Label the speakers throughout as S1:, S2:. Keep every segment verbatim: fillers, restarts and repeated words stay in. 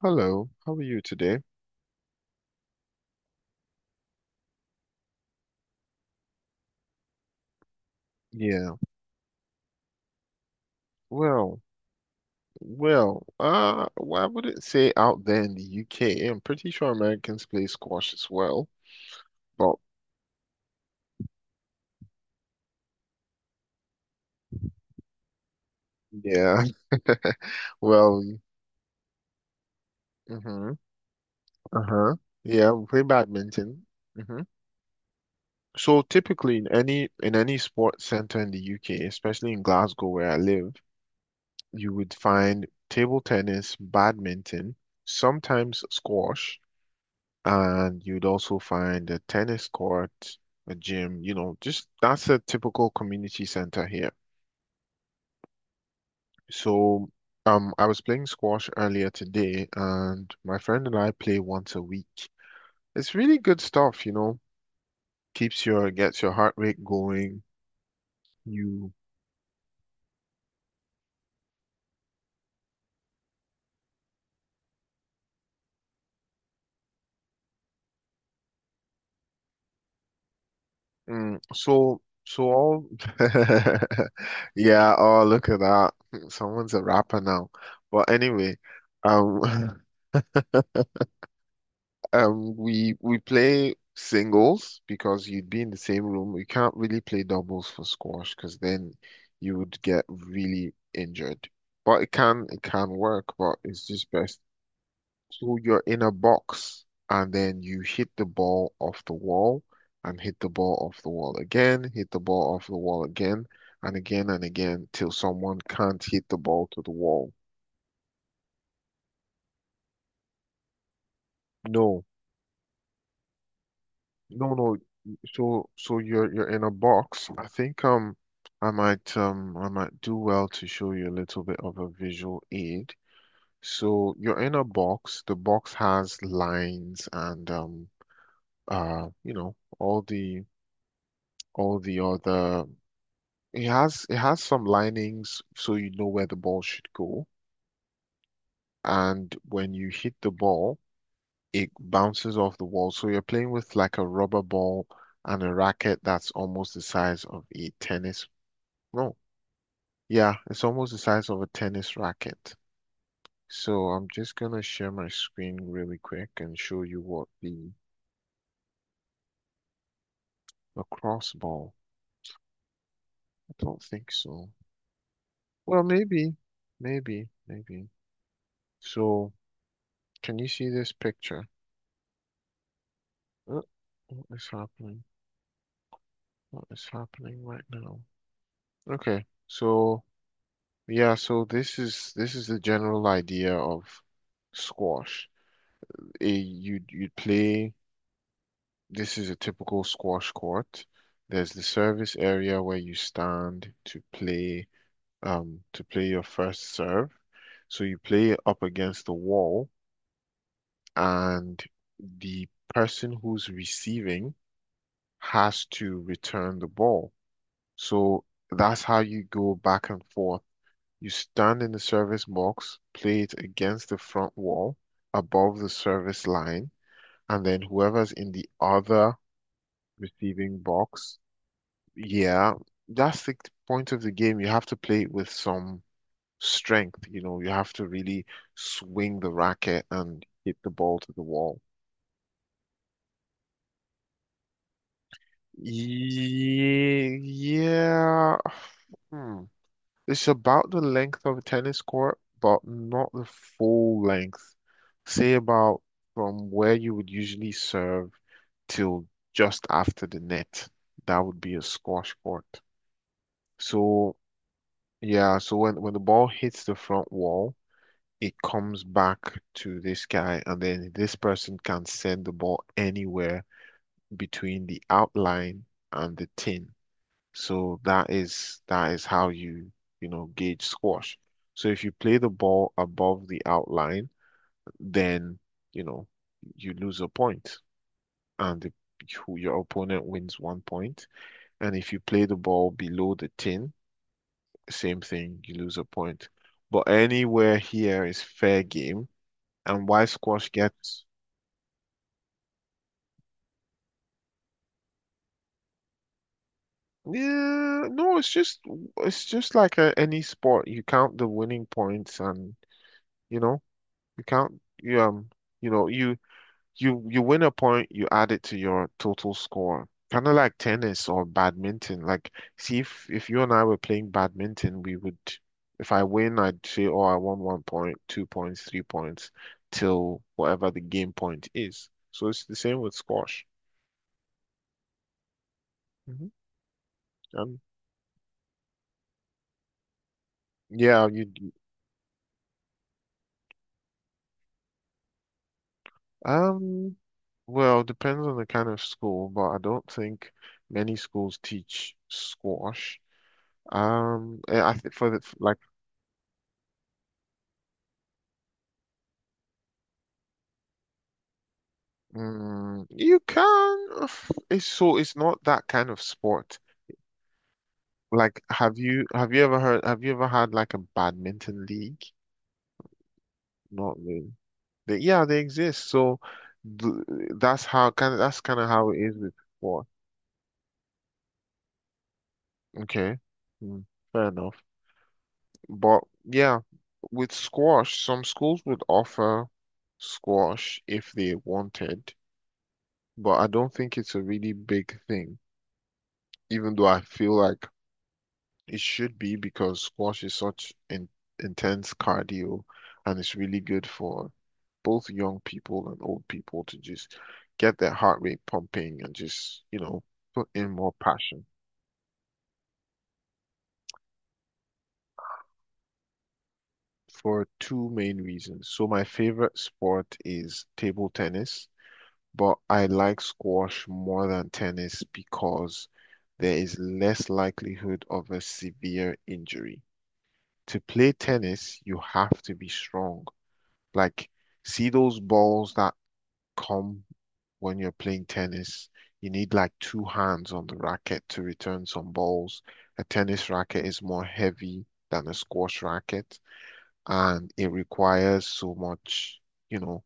S1: Hello, how are you today? Yeah, well, well, uh, well, I wouldn't say out there in the U K. I'm pretty sure Americans play squash as well, but yeah, well, mm-hmm, uh-huh, yeah, we play badminton. Hmm. So typically in any in any sports center in the U K, especially in Glasgow where I live, you would find table tennis, badminton, sometimes squash. And you'd also find a tennis court, a gym, you know, just that's a typical community center here. So, um, I was playing squash earlier today, and my friend and I play once a week. It's really good stuff, you know, keeps your gets your heart rate going. You mm, so so all yeah, oh look at that. Someone's a rapper now. But anyway, um Um, we we play singles because you'd be in the same room. We can't really play doubles for squash because then you would get really injured. But it can it can work, but it's just best. So you're in a box and then you hit the ball off the wall and hit the ball off the wall again, hit the ball off the wall again and again and again till someone can't hit the ball to the wall. No, no, no. So, so you're you're in a box. I think um, I might um, I might do well to show you a little bit of a visual aid. So you're in a box. The box has lines and um, uh, you know, all the all the other. It has it has some linings so you know where the ball should go. And when you hit the ball, it bounces off the wall. So you're playing with like a rubber ball and a racket that's almost the size of a tennis. No, yeah, it's almost the size of a tennis racket. So I'm just gonna share my screen really quick and show you what the lacrosse ball. I don't think so. Well, maybe, maybe, maybe. So can you see this picture? Uh, What is happening? What is happening right now? Okay, so. Yeah, so this is this is the general idea of squash. Eh, you'd you'd play. This is a typical squash court. There's the service area where you stand to play um to play your first serve. So you play up against the wall, and the person who's receiving has to return the ball. So that's how you go back and forth. You stand in the service box, play it against the front wall above the service line, and then whoever's in the other receiving box, yeah, that's the point of the game. You have to play it with some strength, you know, you have to really swing the racket and hit the ball to the wall. Ye- Yeah. Hmm. It's about the length of a tennis court, but not the full length. Say about from where you would usually serve till just after the net. That would be a squash court. So yeah, so when when the ball hits the front wall, it comes back to this guy, and then this person can send the ball anywhere between the outline and the tin. So that is that is how you, you know, gauge squash. So if you play the ball above the outline, then, you know, you lose a point and the, who- your opponent wins one point. And if you play the ball below the tin, same thing, you lose a point. But anywhere here is fair game. And why squash gets yeah, no, it's just it's just like a, any sport. You count the winning points and you know you count, you um you know you you you win a point, you add it to your total score. Kind of like tennis or badminton. Like see if if you and I were playing badminton, we would if I win, I'd say, oh, I won one point, two points, three points, till whatever the game point is. So it's the same with squash. Hmm. Um, yeah, you um well, depends on the kind of school, but I don't think many schools teach squash. Um, eh, I think for the like, mm, you can. It's so it's not that kind of sport. Like, have you have you ever heard? Have you ever had like a badminton league? Not really. They, yeah, they exist. So th that's how kind of that's kind of how it is with sport. Okay, mm, fair enough. But yeah, with squash, some schools would offer squash if they wanted, but I don't think it's a really big thing even though I feel like it should be because squash is such in, intense cardio and it's really good for both young people and old people to just get their heart rate pumping and just, you know, put in more passion for two main reasons. So my favorite sport is table tennis, but I like squash more than tennis because there is less likelihood of a severe injury. To play tennis, you have to be strong. Like, see those balls that come when you're playing tennis? You need like two hands on the racket to return some balls. A tennis racket is more heavy than a squash racket, and it requires so much, you know,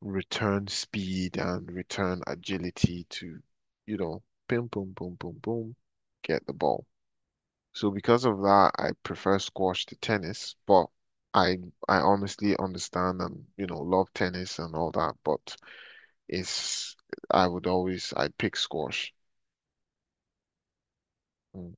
S1: return speed and return agility to, you know, boom, boom, boom, boom, boom, get the ball. So because of that, I prefer squash to tennis, but I I honestly understand and you know love tennis and all that, but it's I would always I pick squash. Mm.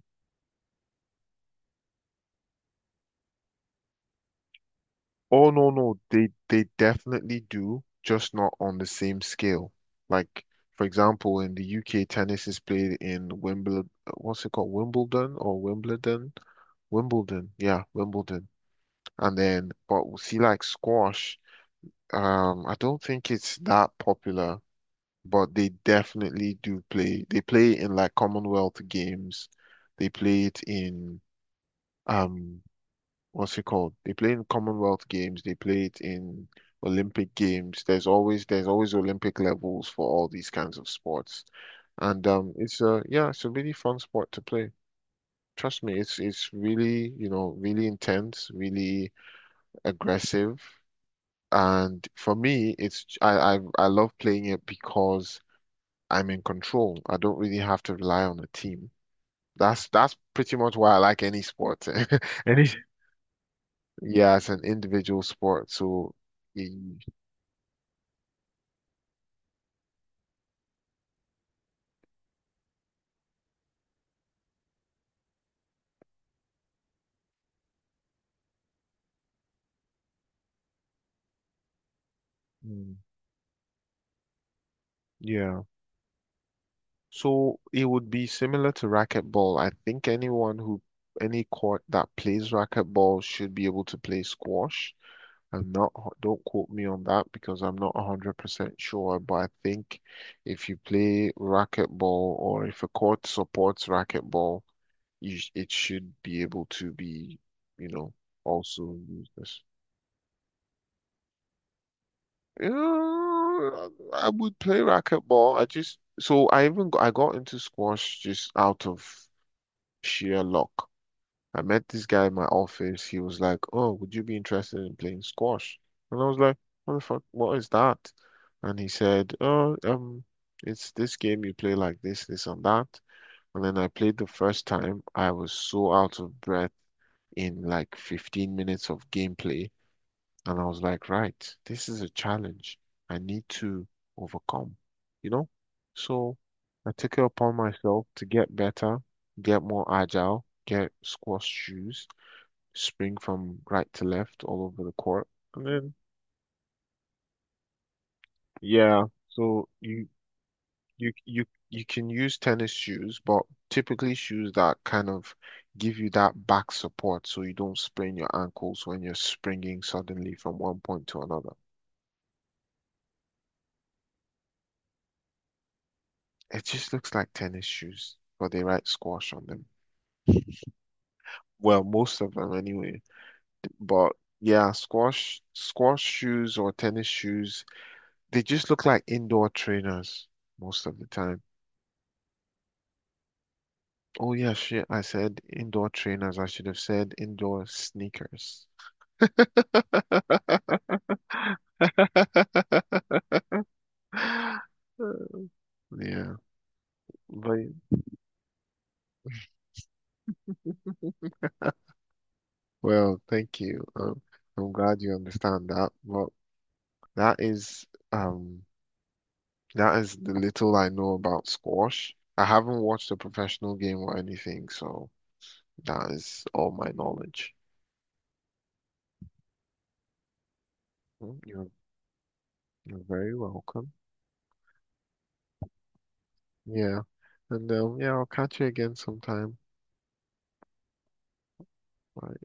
S1: Oh no no, they they definitely do, just not on the same scale. Like for example, in the U K, tennis is played in Wimbledon. What's it called? Wimbledon or Wimbledon? Wimbledon, yeah, Wimbledon. And then, but see, like squash. Um, I don't think it's that popular but they definitely do play. They play in like Commonwealth games. They play it in um what's it called? They play in Commonwealth games. They play it in Olympic games. There's always there's always Olympic levels for all these kinds of sports. And um it's a yeah, it's a really fun sport to play. Trust me, it's it's really, you know, really intense, really aggressive. And for me, it's I I, I love playing it because I'm in control. I don't really have to rely on a team. That's that's pretty much why I like any sport. Any yeah, it's an individual sport. So y- mm, yeah. So it would be similar to racquetball. I think anyone who any court that plays racquetball should be able to play squash. I'm not, don't quote me on that because I'm not one hundred percent sure, but I think if you play racquetball or if a court supports racquetball, you, sh- it should be able to be, you know, also used as. Yeah, I would play racquetball. I just so I even got, I got into squash just out of sheer luck. I met this guy in my office. He was like, "Oh, would you be interested in playing squash?" And I was like, "What the fuck? What is that?" And he said, "Oh, um, it's this game you play like this, this and that." And then I played the first time. I was so out of breath in like fifteen minutes of gameplay. And I was like, right, this is a challenge I need to overcome, you know? So I took it upon myself to get better, get more agile, get squash shoes, spring from right to left all over the court. And then, yeah, so you You you you can use tennis shoes, but typically shoes that kind of give you that back support so you don't sprain your ankles when you're springing suddenly from one point to another. It just looks like tennis shoes, but they write squash on them. Well, most of them anyway. But yeah, squash squash shoes or tennis shoes, they just look like indoor trainers most of the time. Oh yeah, shit, I said indoor trainers. I should have said indoor sneakers. Uh, Yeah, but well, thank you. Um, I'm glad you understand that. Well, that is um that is the little I know about squash. I haven't watched a professional game or anything, so that is all my knowledge. Mm, You're you're very welcome. Yeah, and um, yeah, I'll catch you again sometime. Bye.